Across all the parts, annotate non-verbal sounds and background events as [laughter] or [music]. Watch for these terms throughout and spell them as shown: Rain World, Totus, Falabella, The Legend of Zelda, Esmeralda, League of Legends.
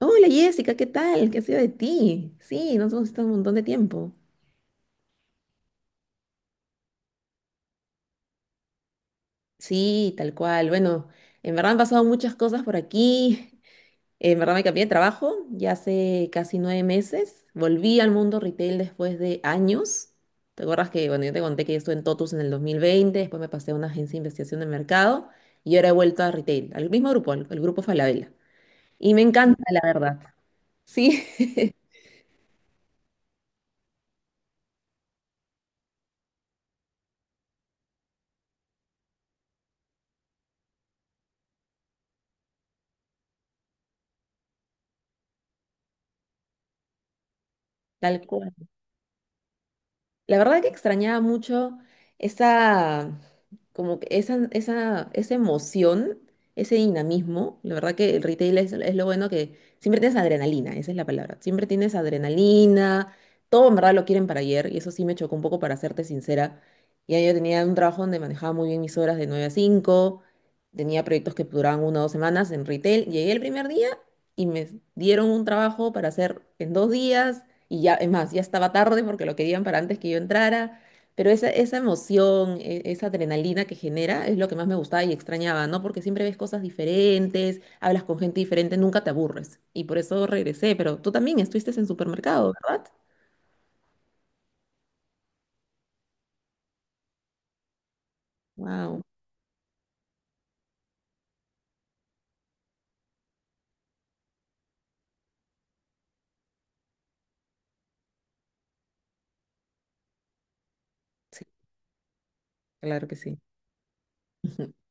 Hola Jessica, ¿qué tal? ¿Qué ha sido de ti? Sí, nos hemos visto un montón de tiempo. Sí, tal cual. Bueno, en verdad han pasado muchas cosas por aquí. En verdad me cambié de trabajo ya hace casi 9 meses. Volví al mundo retail después de años. ¿Te acuerdas que, bueno, yo te conté que yo estuve en Totus en el 2020, después me pasé a una agencia de investigación de mercado y ahora he vuelto a retail, al mismo grupo, al grupo Falabella. Y me encanta, la verdad. Sí, [laughs] tal cual. La verdad que extrañaba mucho esa, como que esa emoción, ese dinamismo. La verdad que el retail es lo bueno que siempre tienes adrenalina, esa es la palabra. Siempre tienes adrenalina, todo en verdad lo quieren para ayer y eso sí me chocó un poco para serte sincera. Ya yo tenía un trabajo donde manejaba muy bien mis horas de 9 a 5. Tenía proyectos que duraban 1 o 2 semanas en retail. Llegué el primer día y me dieron un trabajo para hacer en 2 días. Y ya, es más, ya estaba tarde porque lo querían para antes que yo entrara. Pero esa emoción, esa adrenalina que genera es lo que más me gustaba y extrañaba, ¿no? Porque siempre ves cosas diferentes, hablas con gente diferente, nunca te aburres. Y por eso regresé, pero tú también estuviste en supermercado, ¿verdad? Wow, sí, claro que sí. [laughs]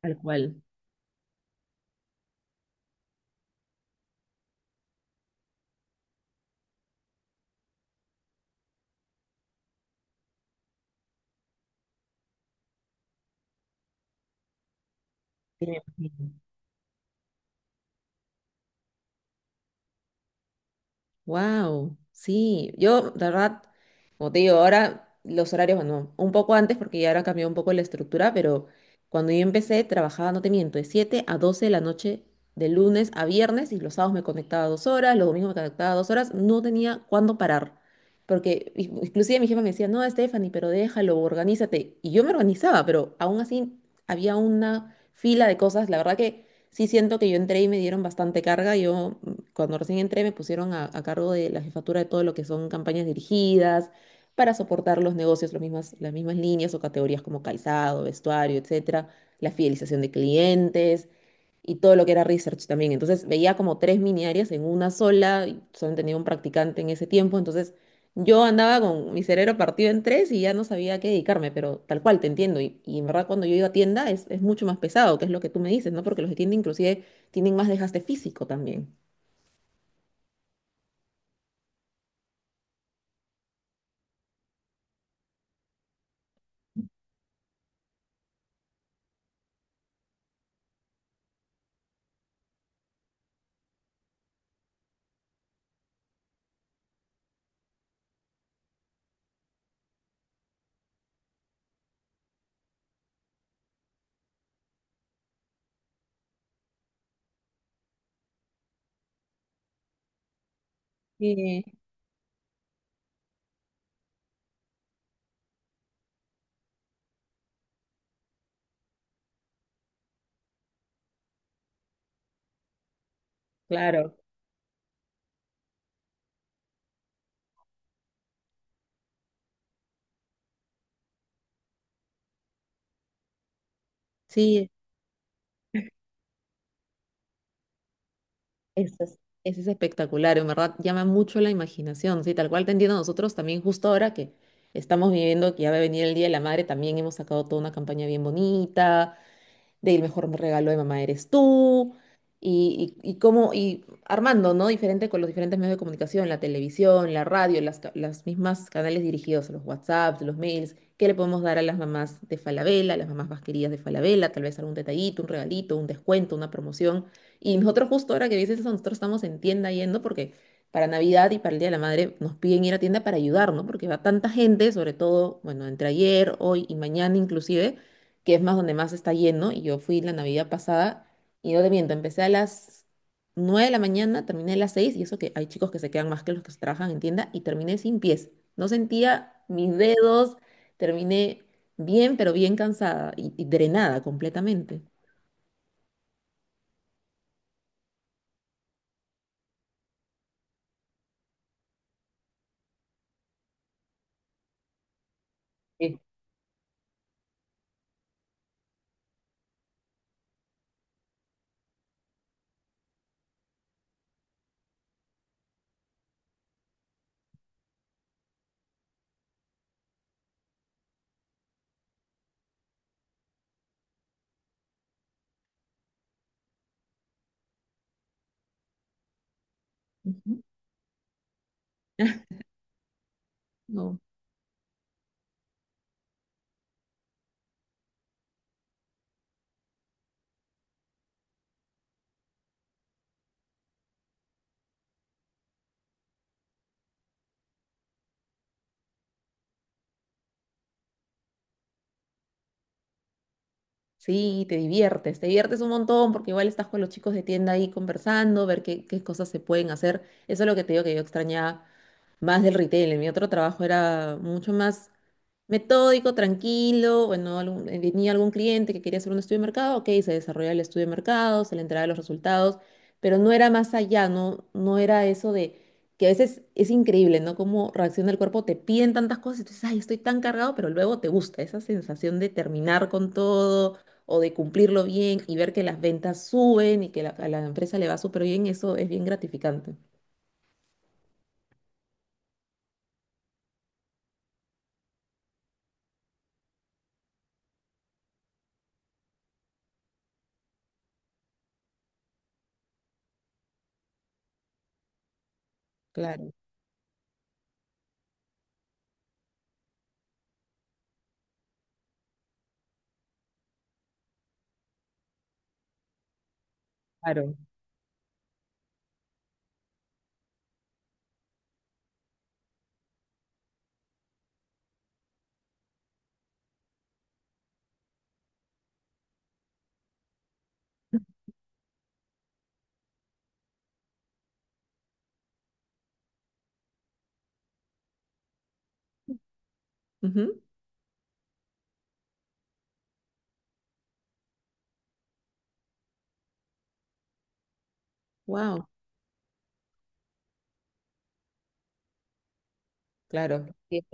Tal cual. Sí, me imagino. Wow, sí, yo de verdad, como te digo, ahora los horarios, bueno, un poco antes porque ya ahora cambió un poco la estructura, pero cuando yo empecé trabajaba, no te miento, de 7 a 12 de la noche, de lunes a viernes, y los sábados me conectaba 2 horas, los domingos me conectaba 2 horas, no tenía cuándo parar, porque inclusive mi jefa me decía, no, Stephanie, pero déjalo, organízate, y yo me organizaba, pero aún así había una fila de cosas, la verdad que sí siento que yo entré y me dieron bastante carga, yo cuando recién entré me pusieron a cargo de la jefatura de todo lo que son campañas dirigidas para soportar los negocios, las mismas líneas o categorías como calzado, vestuario, etcétera, la fidelización de clientes y todo lo que era research también. Entonces veía como tres mini áreas en una sola, y solo tenía un practicante en ese tiempo, entonces yo andaba con mi cerebro partido en tres y ya no sabía a qué dedicarme, pero tal cual, te entiendo. Y en verdad cuando yo iba a tienda es mucho más pesado, que es lo que tú me dices, ¿no? Porque los de tienda inclusive tienen más desgaste físico también. Sí, claro. Sí, eso es, eso es espectacular, en verdad llama mucho la imaginación, sí, tal cual te entiendo nosotros también justo ahora que estamos viviendo que ya va a venir el Día de la Madre, también hemos sacado toda una campaña bien bonita, de el mejor regalo de mamá eres tú, y cómo, y armando, ¿no? Diferente con los diferentes medios de comunicación, la televisión, la radio, las mismas canales dirigidos, los WhatsApps, los mails, qué le podemos dar a las mamás de Falabella, a las mamás más queridas de Falabella, tal vez algún detallito, un regalito, un descuento, una promoción. Y nosotros justo ahora que dices eso, nosotros estamos en tienda yendo porque para Navidad y para el Día de la Madre nos piden ir a tienda para ayudar, ¿no? Porque va tanta gente, sobre todo, bueno, entre ayer, hoy y mañana inclusive, que es más donde más está lleno, y yo fui la Navidad pasada, y no te miento, empecé a las 9 de la mañana, terminé a las 6 y eso que hay chicos que se quedan más que los que se trabajan en tienda, y terminé sin pies. No sentía mis dedos, terminé bien, pero bien cansada y drenada completamente. Sí. Ujú. No. Sí, te diviertes un montón porque igual estás con los chicos de tienda ahí conversando, ver qué, qué cosas se pueden hacer. Eso es lo que te digo que yo extrañaba más del retail. En mi otro trabajo era mucho más metódico, tranquilo. Bueno, venía algún cliente que quería hacer un estudio de mercado, ok, se desarrollaba el estudio de mercado, se le entregaba los resultados, pero no era más allá, no, no era eso de que a veces es increíble, ¿no? Cómo reacciona el cuerpo, te piden tantas cosas y tú dices, ay, estoy tan cargado, pero luego te gusta esa sensación de terminar con todo o de cumplirlo bien y ver que las ventas suben y que la- a la empresa le va súper bien, eso es bien gratificante. Claro, claro. Ujú. Wow, claro. Sí,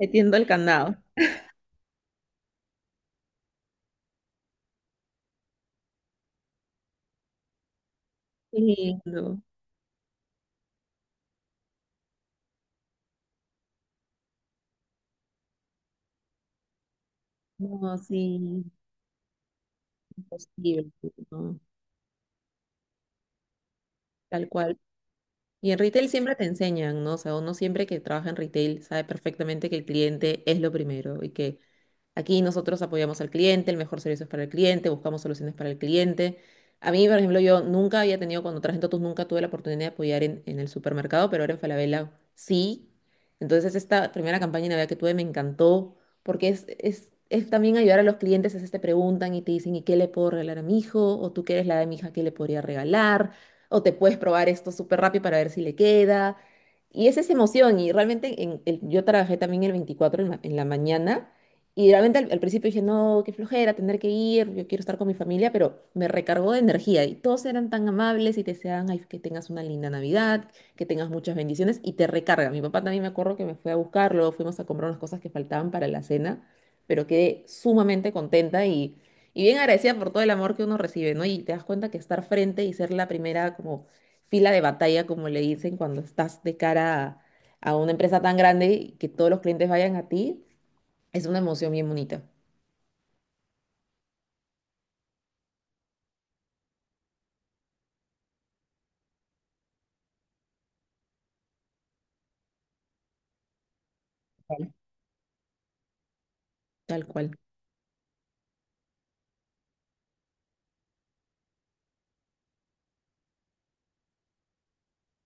metiendo el candado. Sí, no, no, sí, imposible, no, tal cual. Y en retail siempre te enseñan, ¿no? O sea, uno siempre que trabaja en retail sabe perfectamente que el cliente es lo primero y que aquí nosotros apoyamos al cliente, el mejor servicio es para el cliente, buscamos soluciones para el cliente. A mí, por ejemplo, yo nunca había tenido, cuando trabajé en Totus, nunca tuve la oportunidad de apoyar en el supermercado, pero ahora en Falabella sí. Entonces, esta primera campaña de Navidad que tuve me encantó, porque es también ayudar a los clientes, a veces te preguntan y te dicen, ¿y qué le puedo regalar a mi hijo? O tú que eres la de mi hija, ¿qué le podría regalar? O te puedes probar esto súper rápido para ver si le queda. Y es esa emoción, y realmente yo trabajé también el 24 en la mañana. Y realmente al principio dije, no, qué flojera tener que ir, yo quiero estar con mi familia, pero me recargó de energía y todos eran tan amables y te deseaban "Ay, que tengas una linda Navidad, que tengas muchas bendiciones y te recarga. Mi papá también me acuerdo que me fue a buscarlo, fuimos a comprar unas cosas que faltaban para la cena, pero quedé sumamente contenta y bien agradecida por todo el amor que uno recibe, ¿no? Y te das cuenta que estar frente y ser la primera como fila de batalla, como le dicen, cuando estás de cara a una empresa tan grande y que todos los clientes vayan a ti es una emoción bien bonita, Vale. tal cual,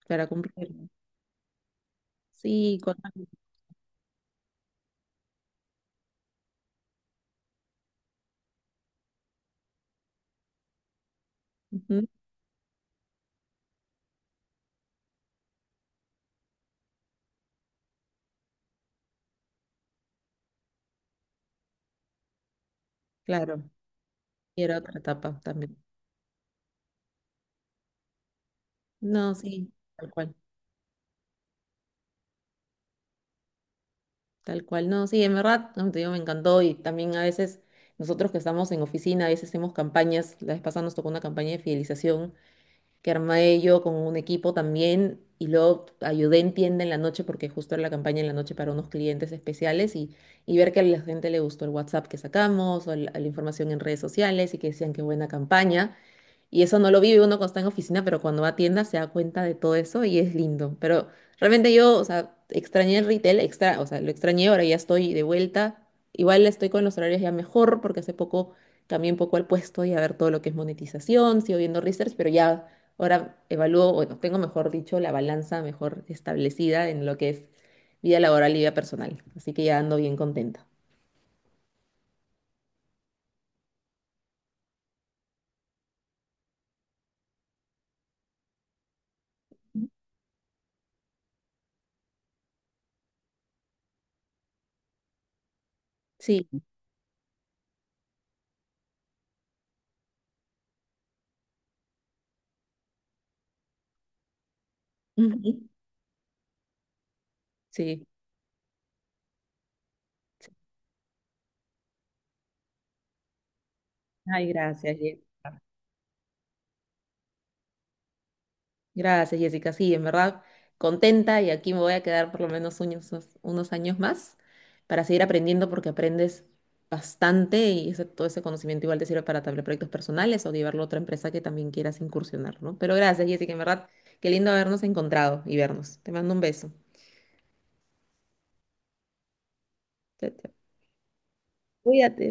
para cumplir. Sí. Ujú, claro, y era otra etapa también. No, sí, tal cual, tal cual. No, sí, en verdad, no, te digo, me encantó y también a veces nosotros que estamos en oficina, a veces hacemos campañas, la vez pasada nos tocó una campaña de fidelización que armé yo con un equipo también y luego ayudé en tienda en la noche porque justo era la campaña en la noche para unos clientes especiales y ver que a la gente le gustó el WhatsApp que sacamos o la información en redes sociales y que decían qué buena campaña. Y eso no lo vive uno cuando está en oficina, pero cuando va a tienda se da cuenta de todo eso y es lindo. Pero realmente yo, o sea, extrañé el retail, o sea, lo extrañé, ahora ya estoy de vuelta. Igual estoy con los horarios ya mejor porque hace poco cambié un poco al puesto y a ver todo lo que es monetización, sigo viendo research, pero ya ahora evalúo, bueno, tengo mejor dicho, la balanza mejor establecida en lo que es vida laboral y vida personal. Así que ya ando bien contenta. Sí. [laughs] Ujú. Sí. Ay, gracias. Diego. Gracias, Jessica. Sí, en verdad, contenta y aquí me voy a quedar por lo menos unos años más para seguir aprendiendo porque aprendes bastante y todo ese conocimiento igual te sirve para tal vez proyectos personales o llevarlo a otra empresa que también quieras incursionar, ¿no? Pero gracias, Jessica, en verdad, qué lindo habernos encontrado y vernos. Te mando un beso. Chao, chao. Cuídate.